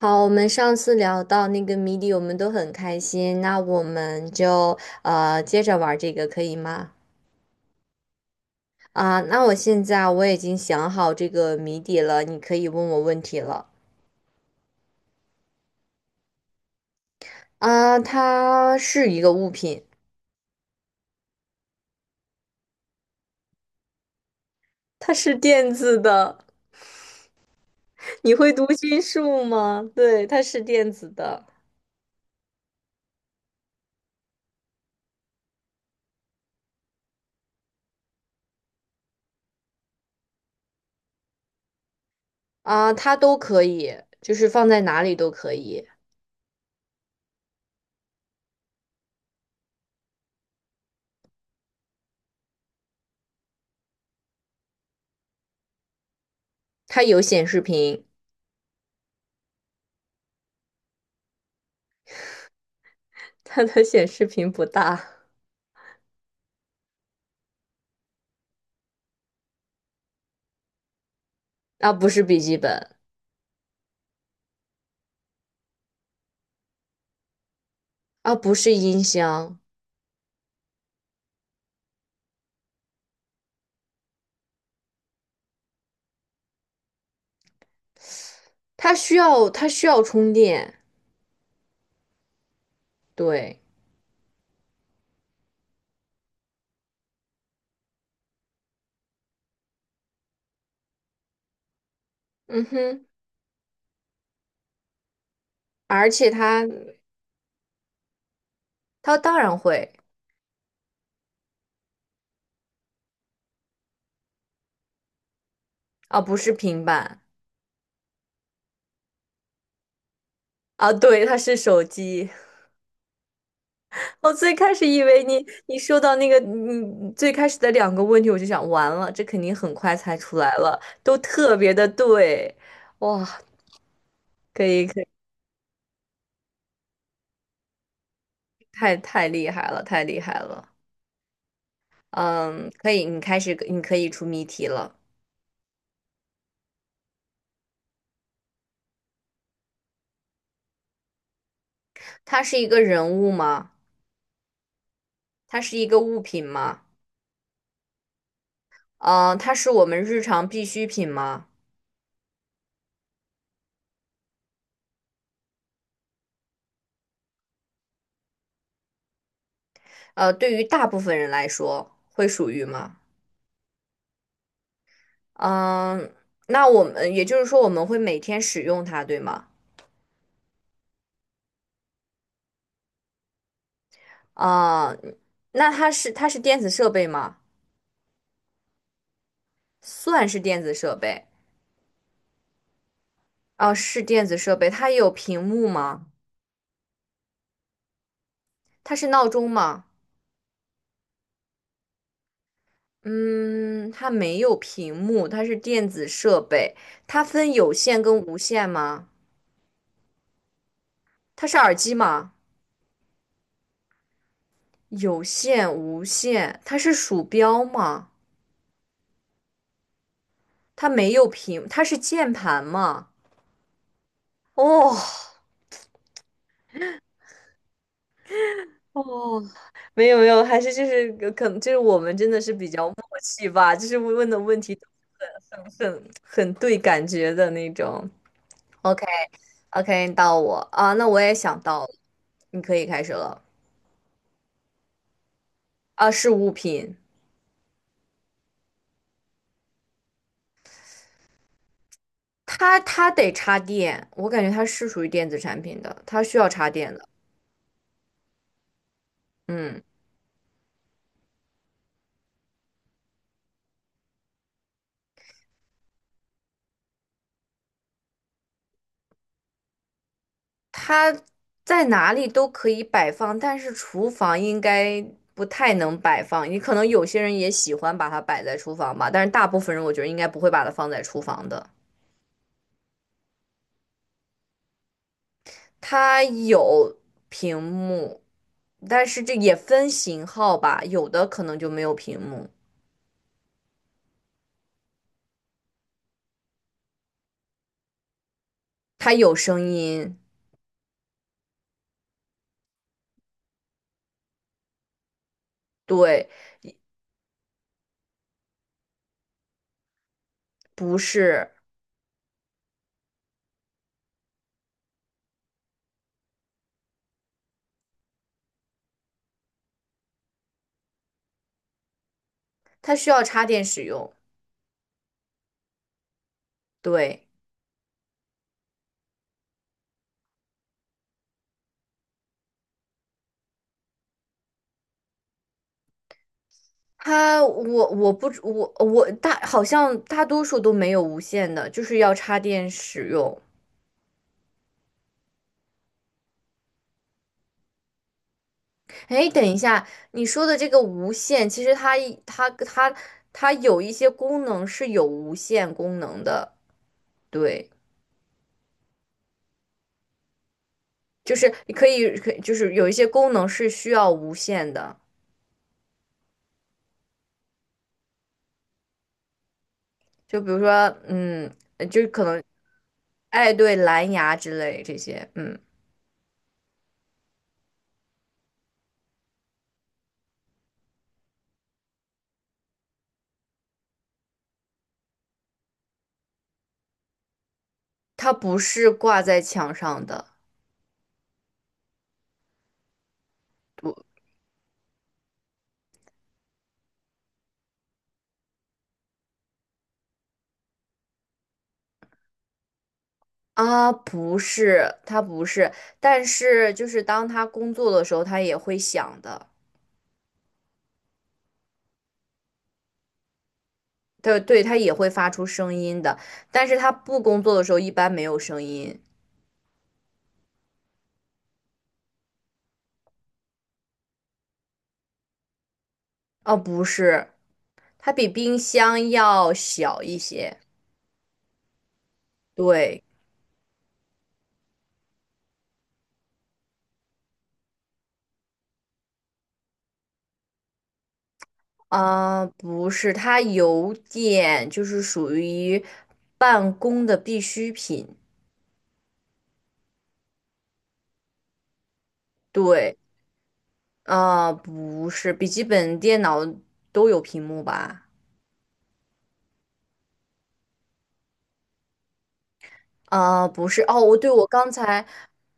好，我们上次聊到那个谜底，我们都很开心。那我们就接着玩这个，可以吗？啊、那我现在啊我已经想好这个谜底了，你可以问我问题了。啊、它是一个物品，它是电子的。你会读心术吗？对，它是电子的。啊、它都可以，就是放在哪里都可以。它有显示屏，它的显示屏不大。啊，不是笔记本，啊，不是音箱。它需要充电，对，嗯哼，而且它当然会啊，不是平板啊，对，它是手机。我最开始以为你说到那个你最开始的两个问题，我就想完了，这肯定很快猜出来了，都特别的对，哇，可以可以，太厉害了，太厉害了，嗯，可以，你开始你可以出谜题了。它是一个人物吗？它是一个物品吗？嗯、它是我们日常必需品吗？呃，对于大部分人来说，会属于吗？嗯、那我们也就是说，我们会每天使用它，对吗？啊、那它是电子设备吗？算是电子设备，啊、是电子设备。它有屏幕吗？它是闹钟吗？嗯，它没有屏幕，它是电子设备。它分有线跟无线吗？它是耳机吗？有线、无线，它是鼠标吗？它没有屏，它是键盘吗？哦哦，没有没有，还是就是可能就是我们真的是比较默契吧，就是问的问题都是很很对感觉的那种。OK OK，到我啊，那我也想到了，你可以开始了。啊，是物品，它得插电，我感觉它是属于电子产品的，它需要插电的。嗯。它在哪里都可以摆放，但是厨房应该不太能摆放。你可能有些人也喜欢把它摆在厨房吧，但是大部分人我觉得应该不会把它放在厨房的。它有屏幕，但是这也分型号吧，有的可能就没有屏幕。它有声音，对，不是，它需要插电使用，对。它我我不知我我大好像大多数都没有无线的，就是要插电使用。哎，等一下，你说的这个无线，其实它有一些功能是有无线功能的，对，就是你可以就是有一些功能是需要无线的，就比如说嗯，就可能哎对蓝牙之类这些，嗯，它不是挂在墙上的。啊，不是，他不是，但是就是当他工作的时候，他也会响的，对对，他也会发出声音的，但是他不工作的时候一般没有声音。哦，不是，它比冰箱要小一些。对，啊，不是，它有点就是属于办公的必需品。对，啊，不是，笔记本电脑都有屏幕吧？啊，不是哦，我对我刚才，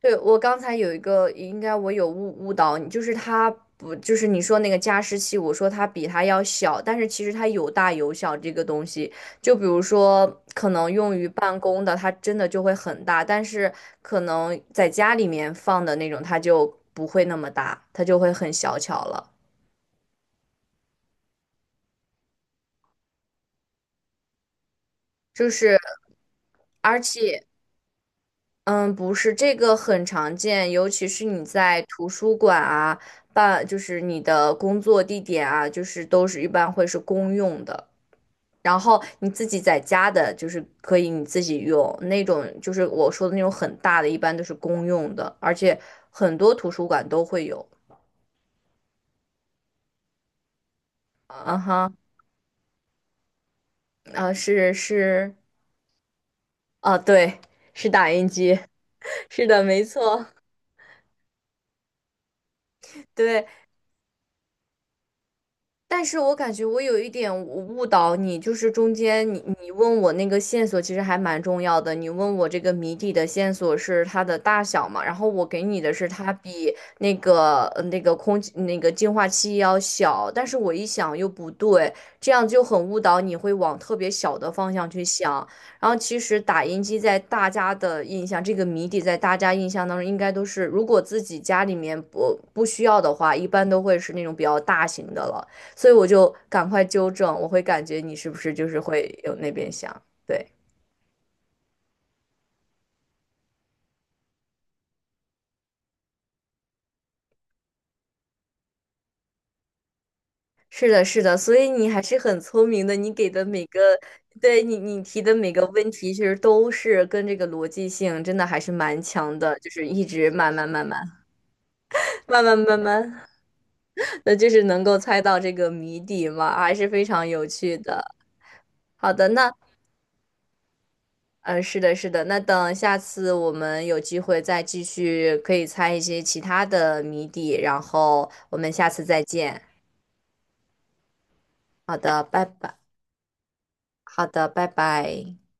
对我刚才有一个，应该我有误导你，就是它不，就是你说那个加湿器，我说它比它要小，但是其实它有大有小这个东西。就比如说，可能用于办公的，它真的就会很大，但是可能在家里面放的那种，它就不会那么大，它就会很小巧了。就是，而且。嗯，不是，这个很常见，尤其是你在图书馆啊，就是你的工作地点啊，就是都是一般会是公用的。然后你自己在家的，就是可以你自己用那种，就是我说的那种很大的，一般都是公用的，而且很多图书馆都会有。啊哈，啊是是，啊对，是打印机，是的，没错，对。但是我感觉我有一点误导你，就是中间你问我那个线索其实还蛮重要的，你问我这个谜底的线索是它的大小嘛，然后我给你的是它比那个那个空气那个净化器要小，但是我一想又不对，这样就很误导你会往特别小的方向去想，然后其实打印机在大家的印象，这个谜底在大家印象当中应该都是，如果自己家里面不需要的话，一般都会是那种比较大型的了。所以我就赶快纠正，我会感觉你是不是就是会有那边想，对，是的，是的，所以你还是很聪明的，你给的每个，对你提的每个问题，其实都是跟这个逻辑性真的还是蛮强的，就是一直慢慢慢慢 慢慢慢慢，那就是能够猜到这个谜底嘛，还是非常有趣的。好的，那嗯，是的，是的。那等下次我们有机会再继续，可以猜一些其他的谜底，然后我们下次再见。好的，拜拜。好的，拜拜。